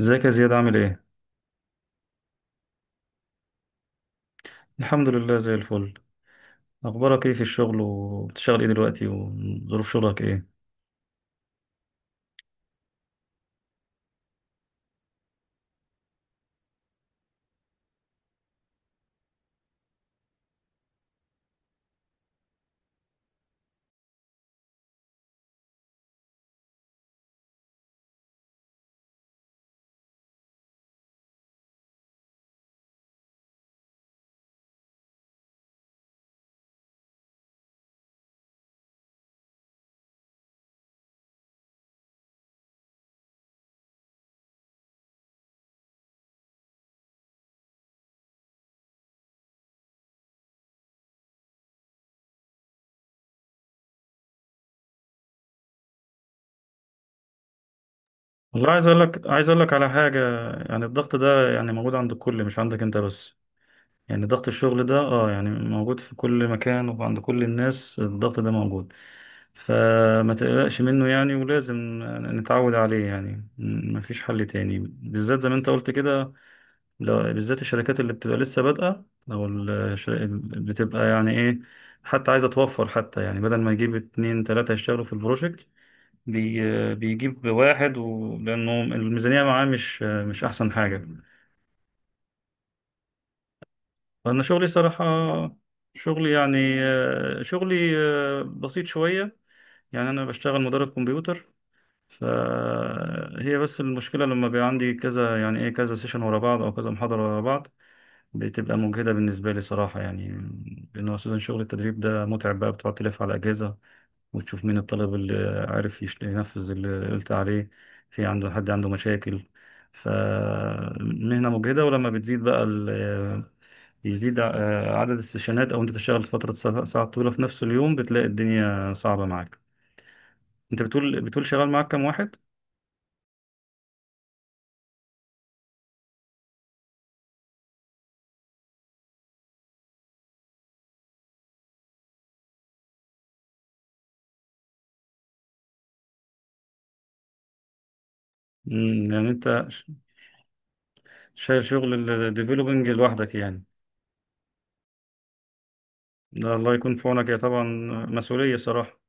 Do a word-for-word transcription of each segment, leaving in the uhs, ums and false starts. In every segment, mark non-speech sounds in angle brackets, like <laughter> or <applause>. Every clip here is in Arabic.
ازيك يا زياد عامل ايه؟ الحمد لله زي الفل. اخبارك ايه في الشغل، وبتشتغل ايه دلوقتي، وظروف شغلك ايه؟ والله عايز اقول لك عايز اقول لك على حاجة. يعني الضغط ده يعني موجود عند الكل، مش عندك انت بس. يعني ضغط الشغل ده اه يعني موجود في كل مكان، وعند كل الناس الضغط ده موجود. فما تقلقش منه يعني، ولازم نتعود عليه يعني. مفيش حل تاني، بالذات زي ما انت قلت كده، لو بالذات الشركات اللي بتبقى لسه بادئة أو ال- الش- اللي بتبقى يعني إيه. حتى عايزة توفر، حتى يعني بدل ما يجيب اتنين تلاتة يشتغلوا في البروجكت، بي بيجيب واحد و... لأنه الميزانية معاه مش مش أحسن حاجة. فأنا شغلي صراحة، شغلي يعني، آه، شغلي آه، بسيط شوية. يعني أنا بشتغل مدرب كمبيوتر. فهي بس المشكلة لما بيبقى عندي كذا، يعني إيه كذا سيشن ورا بعض، أو كذا محاضرة ورا بعض، بتبقى مجهدة بالنسبة لي صراحة يعني. لأن هو أساسا شغل التدريب ده متعب بقى، بتقعد تلف على أجهزة وتشوف مين الطالب اللي عارف يش- ينفذ اللي قلت عليه، في عنده حد عنده مشاكل. فمهنة مجهدة، ولما بتزيد بقى ال- آه، يزيد ع- عدد السيشنات، أو أنت تشتغل فترة سا- ساعة طويلة في نفس اليوم، بتلاقي الدنيا صعبة معاك. أنت بتقول بتقول شغال معاك كام واحد؟ مم، يعني أنت ش- شايل شغل الديفلوبينج لوحدك يعني، ده الله يكون في عونك يا طبعا، مسؤولية صراحة.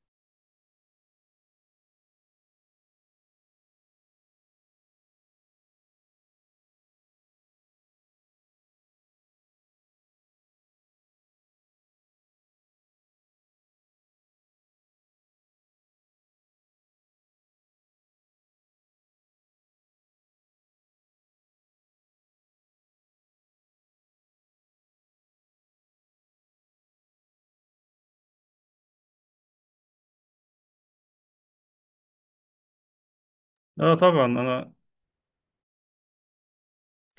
اه، طبعا انا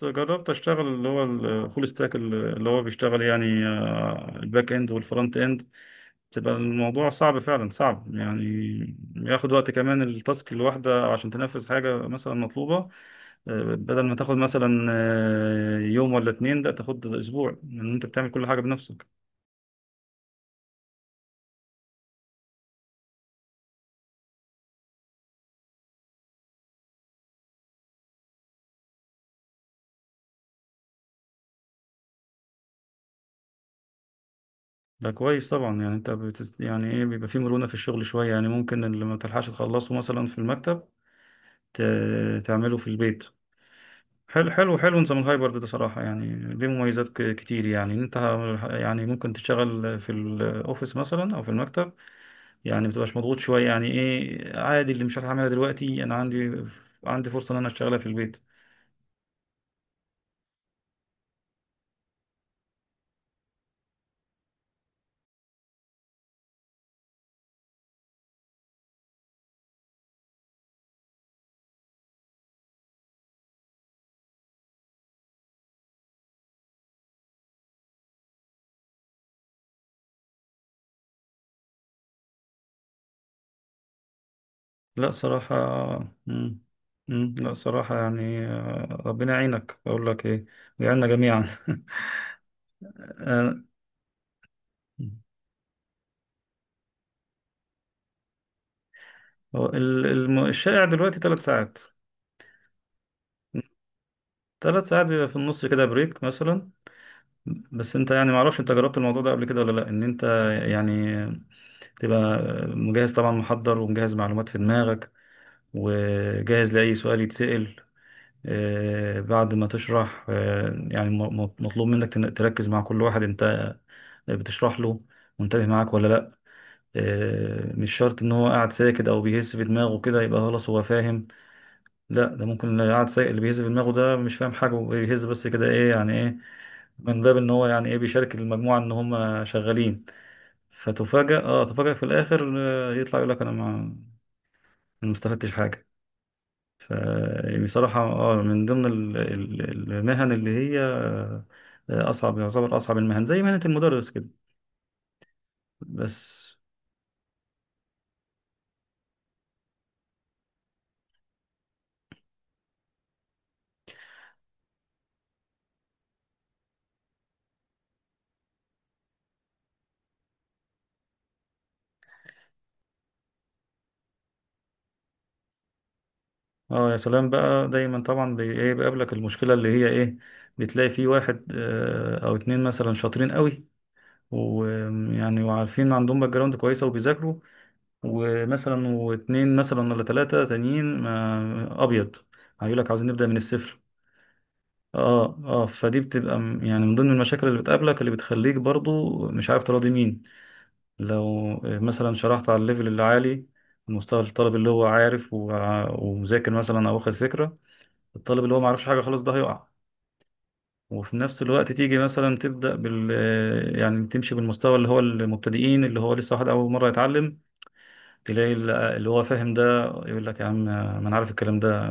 جربت اشتغل اللي هو الفول ستاك، اللي هو بيشتغل يعني آه، الباك اند والفرونت اند، بتبقى الموضوع صعب، فعلا صعب يعني. ياخد وقت كمان التاسك الواحدة عشان تنفذ حاجة مثلا مطلوبة. آه، بدل ما تاخد مثلا آه، يوم ولا اتنين، لا تاخد اسبوع، لان انت بتعمل كل حاجة بنفسك. ده كويس طبعا، يعني انت بتس... يعني ايه بيبقى فيه مرونة في الشغل شوية. يعني ممكن اللي ما تلحقش تخلصه مثلا في المكتب ت- تعمله في البيت. حلو حلو حلو، نظام الهايبرد ده صراحة يعني ليه مميزات ك- كتير. يعني انت ه- يعني ممكن تشتغل في الاوفيس مثلا او في المكتب، يعني متبقاش مضغوط شوية. يعني ايه، عادي، اللي مش هعملها دلوقتي انا عندي عندي فرصة ان انا اشتغلها في البيت. لا صراحة. مم. مم. لا صراحة يعني، آه، ربنا يعينك، اقول لك ايه، ويعيننا جميعا. <laughs> آه، هو ال- الم- الشائع دلوقتي ثلاث ساعات. ثلاث ساعات بيبقى في النص كده بريك مثلا. بس انت يعني معرفش انت جربت الموضوع ده قبل كده ولا لا، ان انت يعني تبقى مجهز طبعا، محضر ومجهز معلومات في دماغك، وجاهز لأي سؤال يتسأل. آه، بعد ما تشرح آه، يعني م- م- مطلوب منك تن- تركز مع كل واحد انت بتشرح له، منتبه معاك ولا لا. آه، مش شرط ان هو قاعد ساكت او بيهز في دماغه كده يبقى خلاص هو فاهم. لا، ده ممكن اللي قاعد ساكت اللي بيهز في دماغه ده مش فاهم حاجة، وبيهز بس كده ايه، يعني ايه، من باب ان هو يعني ايه بيشارك المجموعه ان هم شغالين. فتفاجأ اه تفاجأ في الاخر، آه، يطلع يقول لك انا ما أنا ما استفدتش حاجه. فبصراحه اه من ضمن ال- ال- المهن اللي هي آه، اصعب، يعتبر اصعب المهن زي مهنه المدرس كده. بس اه، يا سلام بقى، دايما طبعا بي- ايه بيقابلك المشكله اللي هي ايه، بتلاقي في واحد آه، او اتنين مثلا شاطرين قوي، ويعني وعارفين عندهم باك جراوند كويسه وبيذاكروا، ومثلا واتنين مثلا ولا تلاتة تانيين ما أبيض، هيقول لك عاوزين نبدأ من الصفر. اه اه، فدي بتبقى م- يعني من ضمن المشاكل اللي بتقابلك، اللي بتخليك برضو مش عارف تراضي مين. لو آه، مثلا شرحت على الليفل اللي عالي، المستوى الطالب اللي هو عارف وع- ومذاكر مثلا او واخد فكرة، الطالب اللي هو معرفش حاجة خلاص ده هيقع. وفي نفس الوقت تيجي مثلا تبدأ بال آه، يعني تمشي بالمستوى اللي هو المبتدئين، اللي هو لسه واحد أول مرة يتعلم، تلاقي ال- اللي هو فاهم ده يقول لك يا عم ما انا عارف الكلام ده،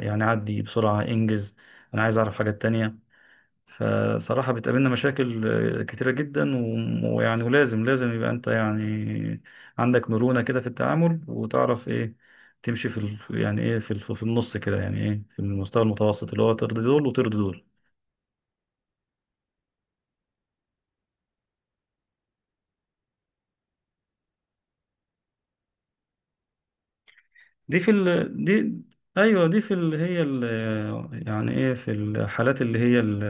يعني عدي بسرعة انجز، انا عايز اعرف حاجات تانية. فصراحة بتقابلنا مشاكل آه، كتيرة جدا، و- ويعني ولازم، لازم يبقى انت يعني عندك مرونة كده في التعامل، وتعرف ايه تمشي في ال... يعني ايه في ال... في النص كده، يعني ايه في المستوى المتوسط اللي هو ترضي دول وترضي دول. دي في ال... دي ايوه، دي في ال... هي ال... يعني ايه في الحالات اللي هي ال...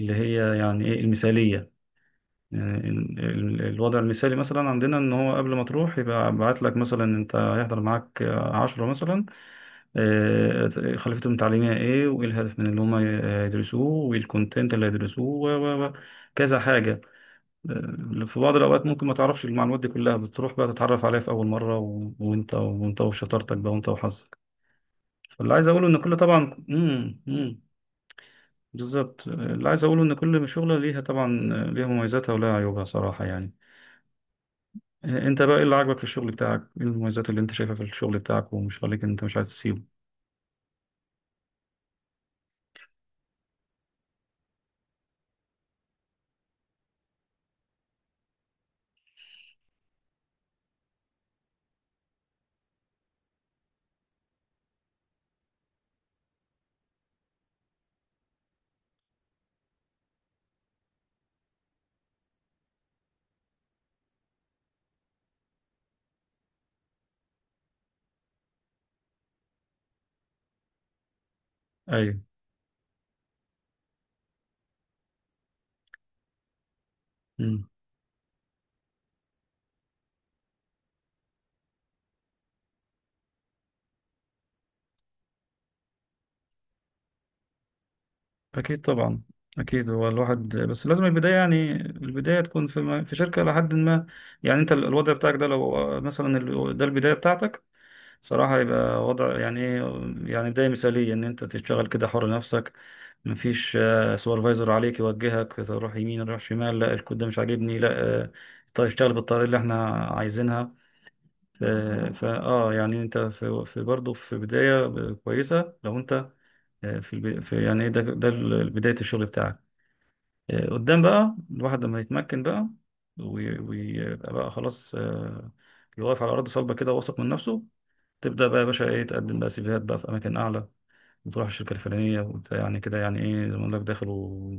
اللي هي يعني ايه المثالية. ال- ال- الوضع المثالي مثلا عندنا ان هو قبل ما تروح يبقى بعت لك مثلا انت هيحضر معاك عشرة مثلا، آه، خلفيتهم التعليمية ايه، وايه الهدف من اللي هم يدرسوه، وايه الكونتنت اللي هيدرسوه و- و- و- كذا حاجة. آه، في بعض الأوقات ممكن ما تعرفش المعلومات دي كلها، بتروح بقى تتعرف عليها في أول مرة، و- وأنت وأنت وشطارتك بقى، وأنت وحظك. فاللي عايز أقوله إن كل طبعا، امم امم بالظبط. آه، اللي عايز أقوله إن كل شغلة ليها طبعا، آه، ليها مميزاتها ولها عيوبها صراحة يعني. آه، انت بقى ايه اللي عاجبك في الشغل بتاعك، ايه المميزات اللي انت شايفها في الشغل بتاعك، ومش خليك انت مش عايز تسيبه. ايوه. امم. اكيد طبعا، اكيد هو الواحد بس لازم البدايه، يعني البدايه تكون في م- في شركه لحد ما. يعني انت ال- الوضع بتاعك ده لو مثلا ال- ده البدايه بتاعتك، صراحه يبقى وضع يعني ايه، يعني بدايه مثاليه ان انت تشتغل كده حر نفسك، مفيش سوبرفايزر عليك يوجهك تروح يمين تروح شمال، لا الكود ده مش عاجبني لا. آه، طيب اشتغل بالطريقه اللي احنا عايزينها. آه، فاه يعني انت في في برضه في بدايه آه، كويسه لو انت آه، في, الب- في يعني، ده ده ال- بدايه الشغل بتاعك. آه، قدام بقى الواحد لما يتمكن بقى، وي- ويبقى بقى خلاص، آه، يقف على ارض صلبه كده واثق من نفسه، تبدا بقى يا باشا ايه تقدم بقى سيفيهات بقى في اماكن اعلى، وتروح الشركه الفلانيه وانت يعني كده يعني ايه، زي ما اقول لك داخل و-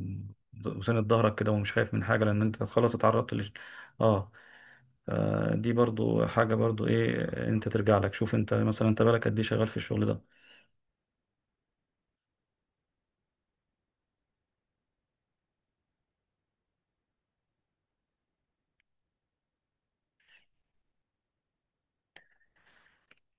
وساند ظهرك كده، ومش خايف من حاجه لان انت خلاص اتعرضت لش... اه. آه، دي برضو حاجة، برضو ايه، انت ترجع لك، شوف انت مثلا انت بالك قد ايه شغال في الشغل ده.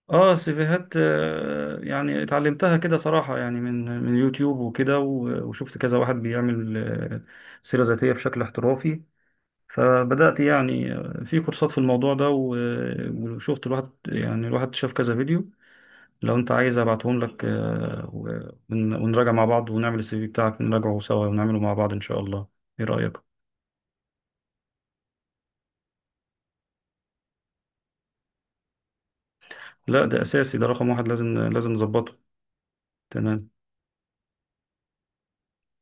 اه سيفيهات، آه، يعني اتعلمتها كده صراحة، يعني من من يوتيوب وكده، و- وشفت كذا واحد بيعمل آه، سيرة ذاتية بشكل احترافي. فبدأت يعني آه، في كورسات في الموضوع ده، و- وشفت الواحد، يعني الواحد شاف كذا فيديو. لو انت عايز ابعتهم لك آه، ون- ونراجع مع بعض، ونعمل السي في بتاعك نراجعه سوا، ونعمله مع بعض ان شاء الله. ايه رأيك؟ لا ده اساسي، ده رقم واحد، لازم لازم نظبطه. تمام.